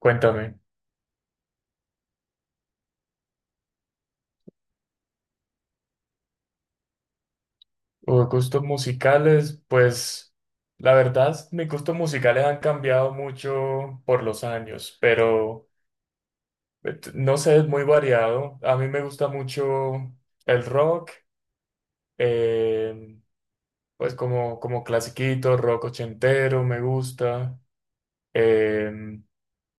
Cuéntame, o gustos musicales, pues la verdad, mis gustos musicales han cambiado mucho por los años, pero no sé, es muy variado. A mí me gusta mucho el rock, eh, pues como clasiquito, rock ochentero, me gusta. Eh,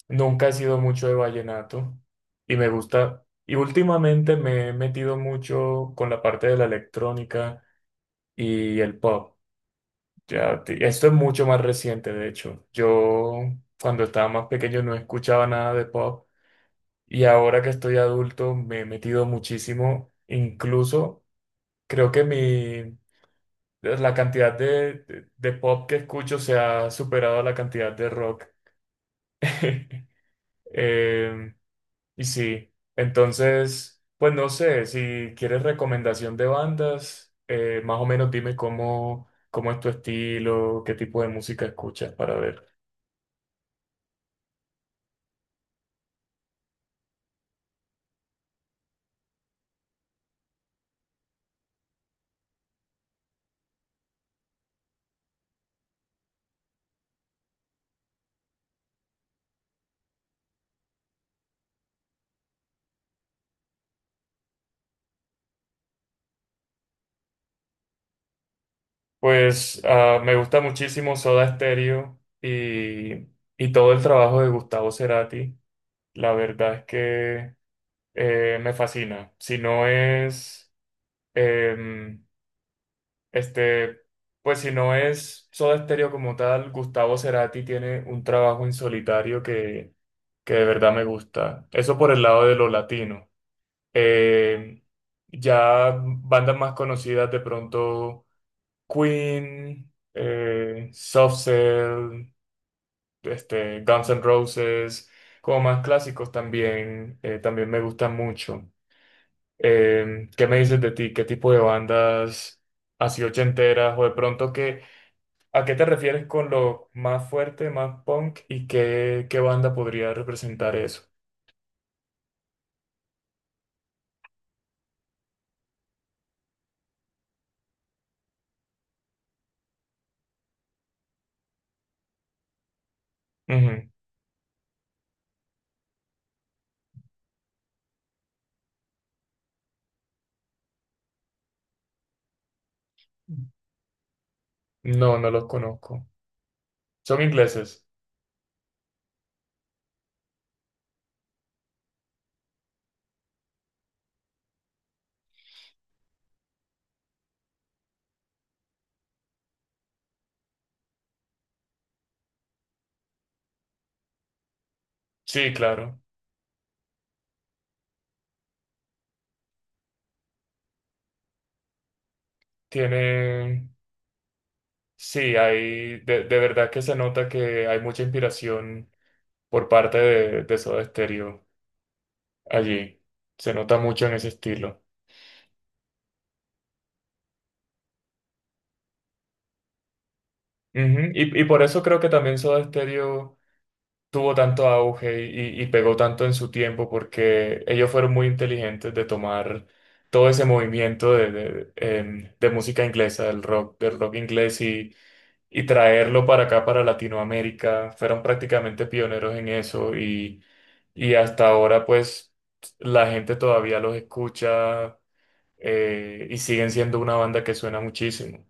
Nunca he sido mucho de vallenato y me gusta, y últimamente me he metido mucho con la parte de la electrónica y el pop. Esto es mucho más reciente, de hecho. Yo cuando estaba más pequeño no escuchaba nada de pop y ahora que estoy adulto me he metido muchísimo. Incluso creo que la cantidad de pop que escucho se ha superado a la cantidad de rock. Em, y sí, entonces, pues no sé, si quieres recomendación de bandas, más o menos dime cómo es tu estilo, qué tipo de música escuchas para ver. Pues ah, me gusta muchísimo Soda Stereo y todo el trabajo de Gustavo Cerati. La verdad es que me fascina. Si no es, em, este, Pues si no es Soda Stereo como tal, Gustavo Cerati tiene un trabajo en solitario que de verdad me gusta. Eso por el lado de lo latino. Em, ya bandas más conocidas de pronto. Queen, Soft Cell, Guns N' Roses, como más clásicos también, también me gustan mucho. ¿Qué me dices de ti? ¿Qué tipo de bandas así ochenteras o de pronto a qué te refieres con lo más fuerte, más punk y qué banda podría representar eso? Ujú. No, no los conozco. ¿Son ingleses? Sí, claro. Tienen. Sí, hay, de verdad que se nota que hay mucha inspiración por parte de Soda Stereo allí. Se nota mucho en ese estilo. Ujú. Y por eso creo que también Soda Stereo tuvo tanto auge y pegó tanto en su tiempo porque ellos fueron muy inteligentes de tomar todo ese movimiento de, de de música inglesa, del rock inglés y traerlo para acá, para Latinoamérica. Fueron prácticamente pioneros en eso y hasta ahora pues la gente todavía los escucha y siguen siendo una banda que suena muchísimo.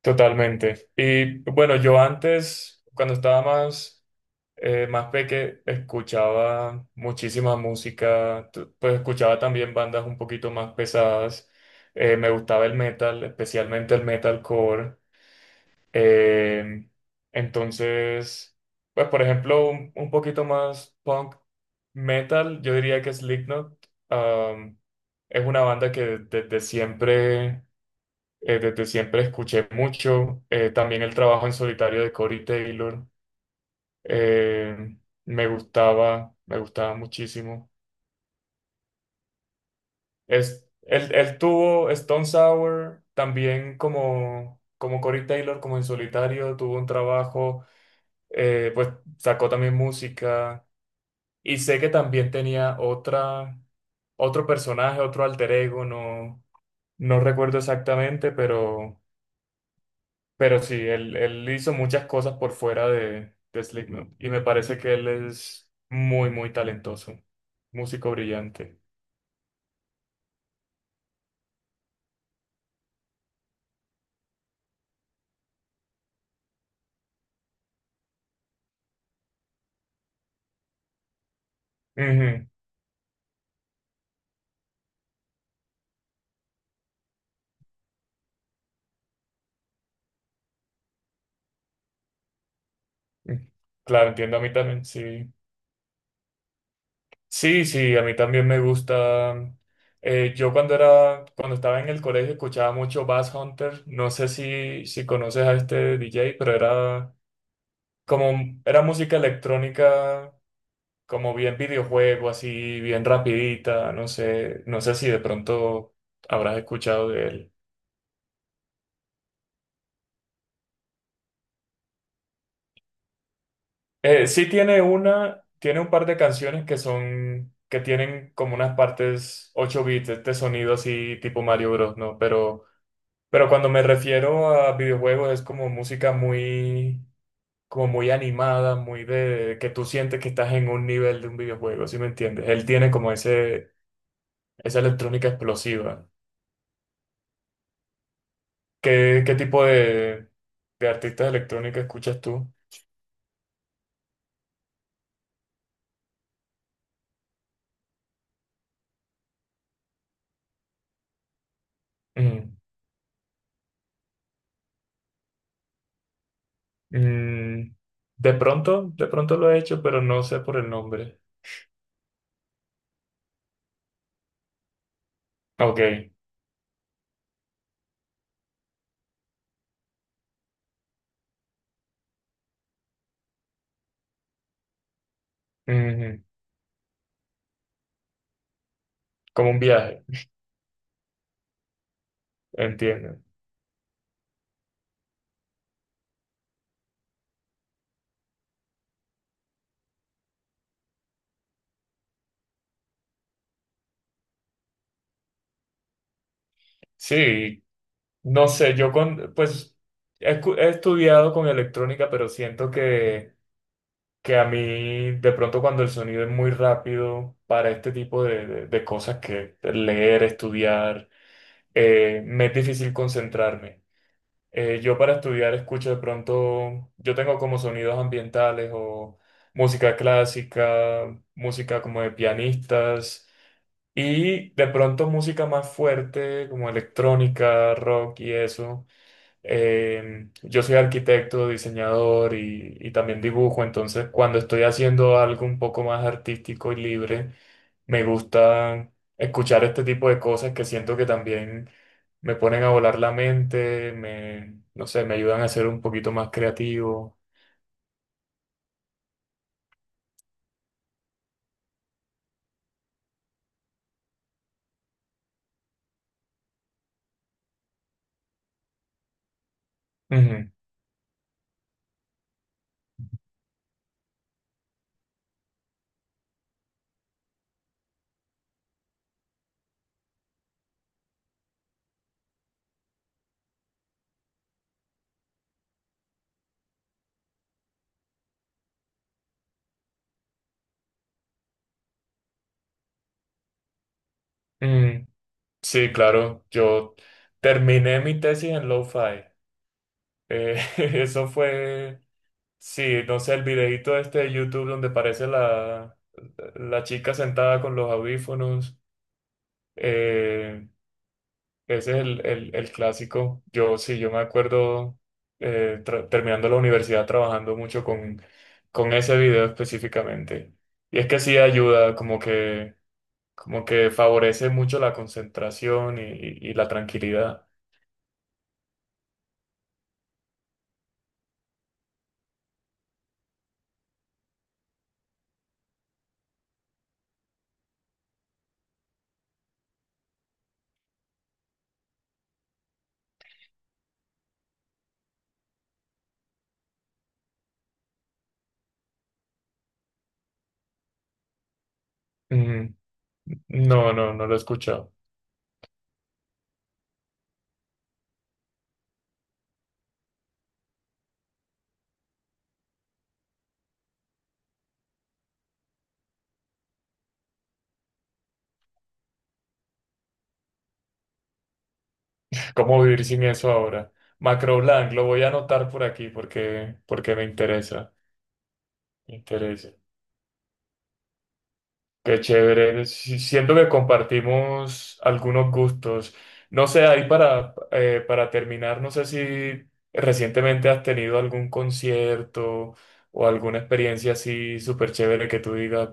Totalmente. Y bueno, yo antes, cuando estaba más, más peque, escuchaba muchísima música, pues escuchaba también bandas un poquito más pesadas. Me gustaba el metal, especialmente el metalcore. Eh, entonces, pues por ejemplo, un poquito más punk metal, yo diría que Slipknot, um, es una banda que desde siempre escuché mucho. También el trabajo en solitario de Corey Taylor eh, me gustaba muchísimo. Es, él tuvo Stone Sour también como, como Corey Taylor, como en solitario, tuvo un trabajo, pues sacó también música. Y sé que también tenía otro personaje, otro alter ego, no, no recuerdo exactamente, pero... Pero sí, él hizo muchas cosas por fuera de Slipknot y me parece que él es muy, muy talentoso, músico brillante. Ujú. Claro, entiendo, a mí también, sí. Sí, sí, a mí también me gusta. Yo cuando era, cuando estaba en el colegio escuchaba mucho Bass Hunter. No sé si, si conoces a este DJ, pero era como, era música electrónica como bien videojuego, así bien rapidita, no sé, no sé si de pronto habrás escuchado de él. Sí tiene una, tiene un par de canciones que son, que tienen como unas partes 8 bits, este sonido así tipo Mario Bros, ¿no? Pero cuando me refiero a videojuegos es como música muy, como muy animada, muy de, que tú sientes que estás en un nivel de un videojuego, ¿sí me entiendes? Él tiene como ese, esa electrónica explosiva. ¿Qué, qué tipo de artistas electrónicos escuchas tú? Mm, mm, de pronto lo he hecho, pero no sé por el nombre. Ok, ujú. Como un viaje, entiendo. Sí, no sé, yo con, pues he estudiado con electrónica, pero siento que a mí de pronto cuando el sonido es muy rápido para este tipo de, de cosas que leer, estudiar, me es difícil concentrarme. Yo para estudiar escucho de pronto, yo tengo como sonidos ambientales o música clásica, música como de pianistas y de pronto música más fuerte como electrónica, rock y eso. Yo soy arquitecto, diseñador y también dibujo, entonces cuando estoy haciendo algo un poco más artístico y libre, me gusta escuchar este tipo de cosas que siento que también me ponen a volar la mente, me, no sé, me ayudan a ser un poquito más creativo. Ujú, ujú. Sí, claro, yo terminé mi tesis en lo-fi. Eso fue. Sí, no sé, el videito este de YouTube donde aparece la, la chica sentada con los audífonos. eh, Ese es el, el clásico. Yo sí, yo me acuerdo terminando la universidad trabajando mucho con ese video específicamente. Y es que sí ayuda, como que favorece mucho la concentración y, y la tranquilidad. Ujú. No, no, no lo he escuchado. ¿Cómo vivir sin eso ahora? Macroblanc, lo voy a anotar por aquí porque, porque me interesa. Me interesa. Qué chévere. Si- Siento que compartimos algunos gustos. No sé, ahí para terminar, no sé si recientemente has tenido algún concierto o alguna experiencia así súper chévere que tú digas,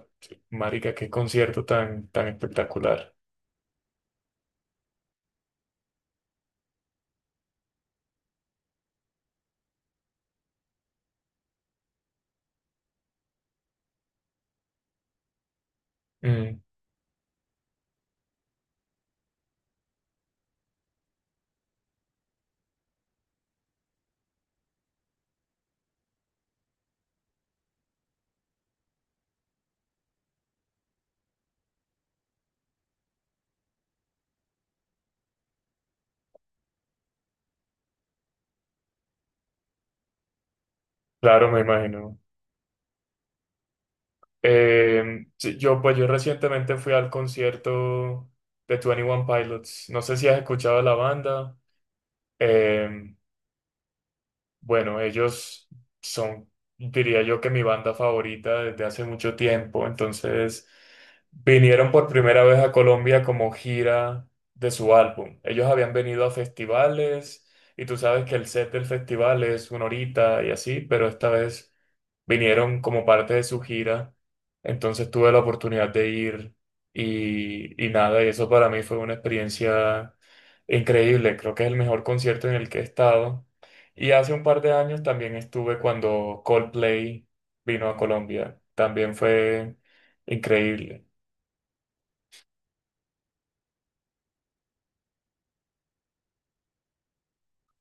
marica, qué concierto tan, tan espectacular. Mm, claro, me imagino. Sí, yo, pues yo recientemente fui al concierto de Twenty One Pilots. No sé si has escuchado la banda. Eh, bueno, ellos son, diría yo, que mi banda favorita desde hace mucho tiempo. Entonces, vinieron por primera vez a Colombia como gira de su álbum. Ellos habían venido a festivales y tú sabes que el set del festival es una horita y así, pero esta vez vinieron como parte de su gira. Entonces tuve la oportunidad de ir y nada, y eso para mí fue una experiencia increíble. Creo que es el mejor concierto en el que he estado. Y hace un par de años también estuve cuando Coldplay vino a Colombia. También fue increíble.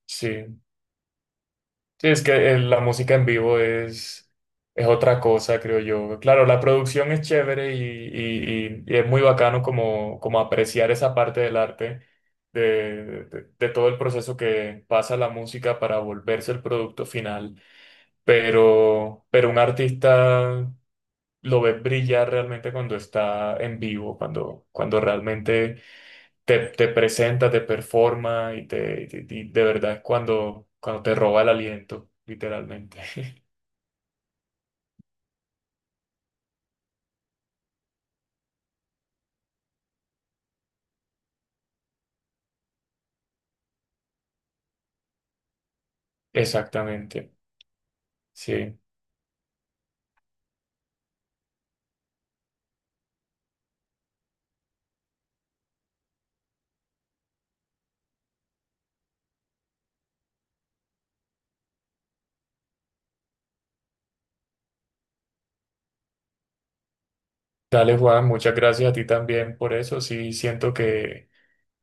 Sí. Sí, es que la música en vivo es otra cosa, creo yo. Claro, la producción es chévere y, y es muy bacano como, como apreciar esa parte del arte, de todo el proceso que pasa la música para volverse el producto final. Pero un artista lo ves brillar realmente cuando está en vivo, cuando, cuando realmente te, te presenta, te performa y, y de verdad es cuando, cuando te roba el aliento, literalmente. Exactamente, sí. Dale, Juan, muchas gracias a ti también por eso. Sí, siento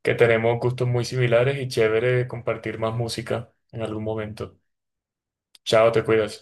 que tenemos gustos muy similares y chévere compartir más música en algún momento. Chao, te cuidas.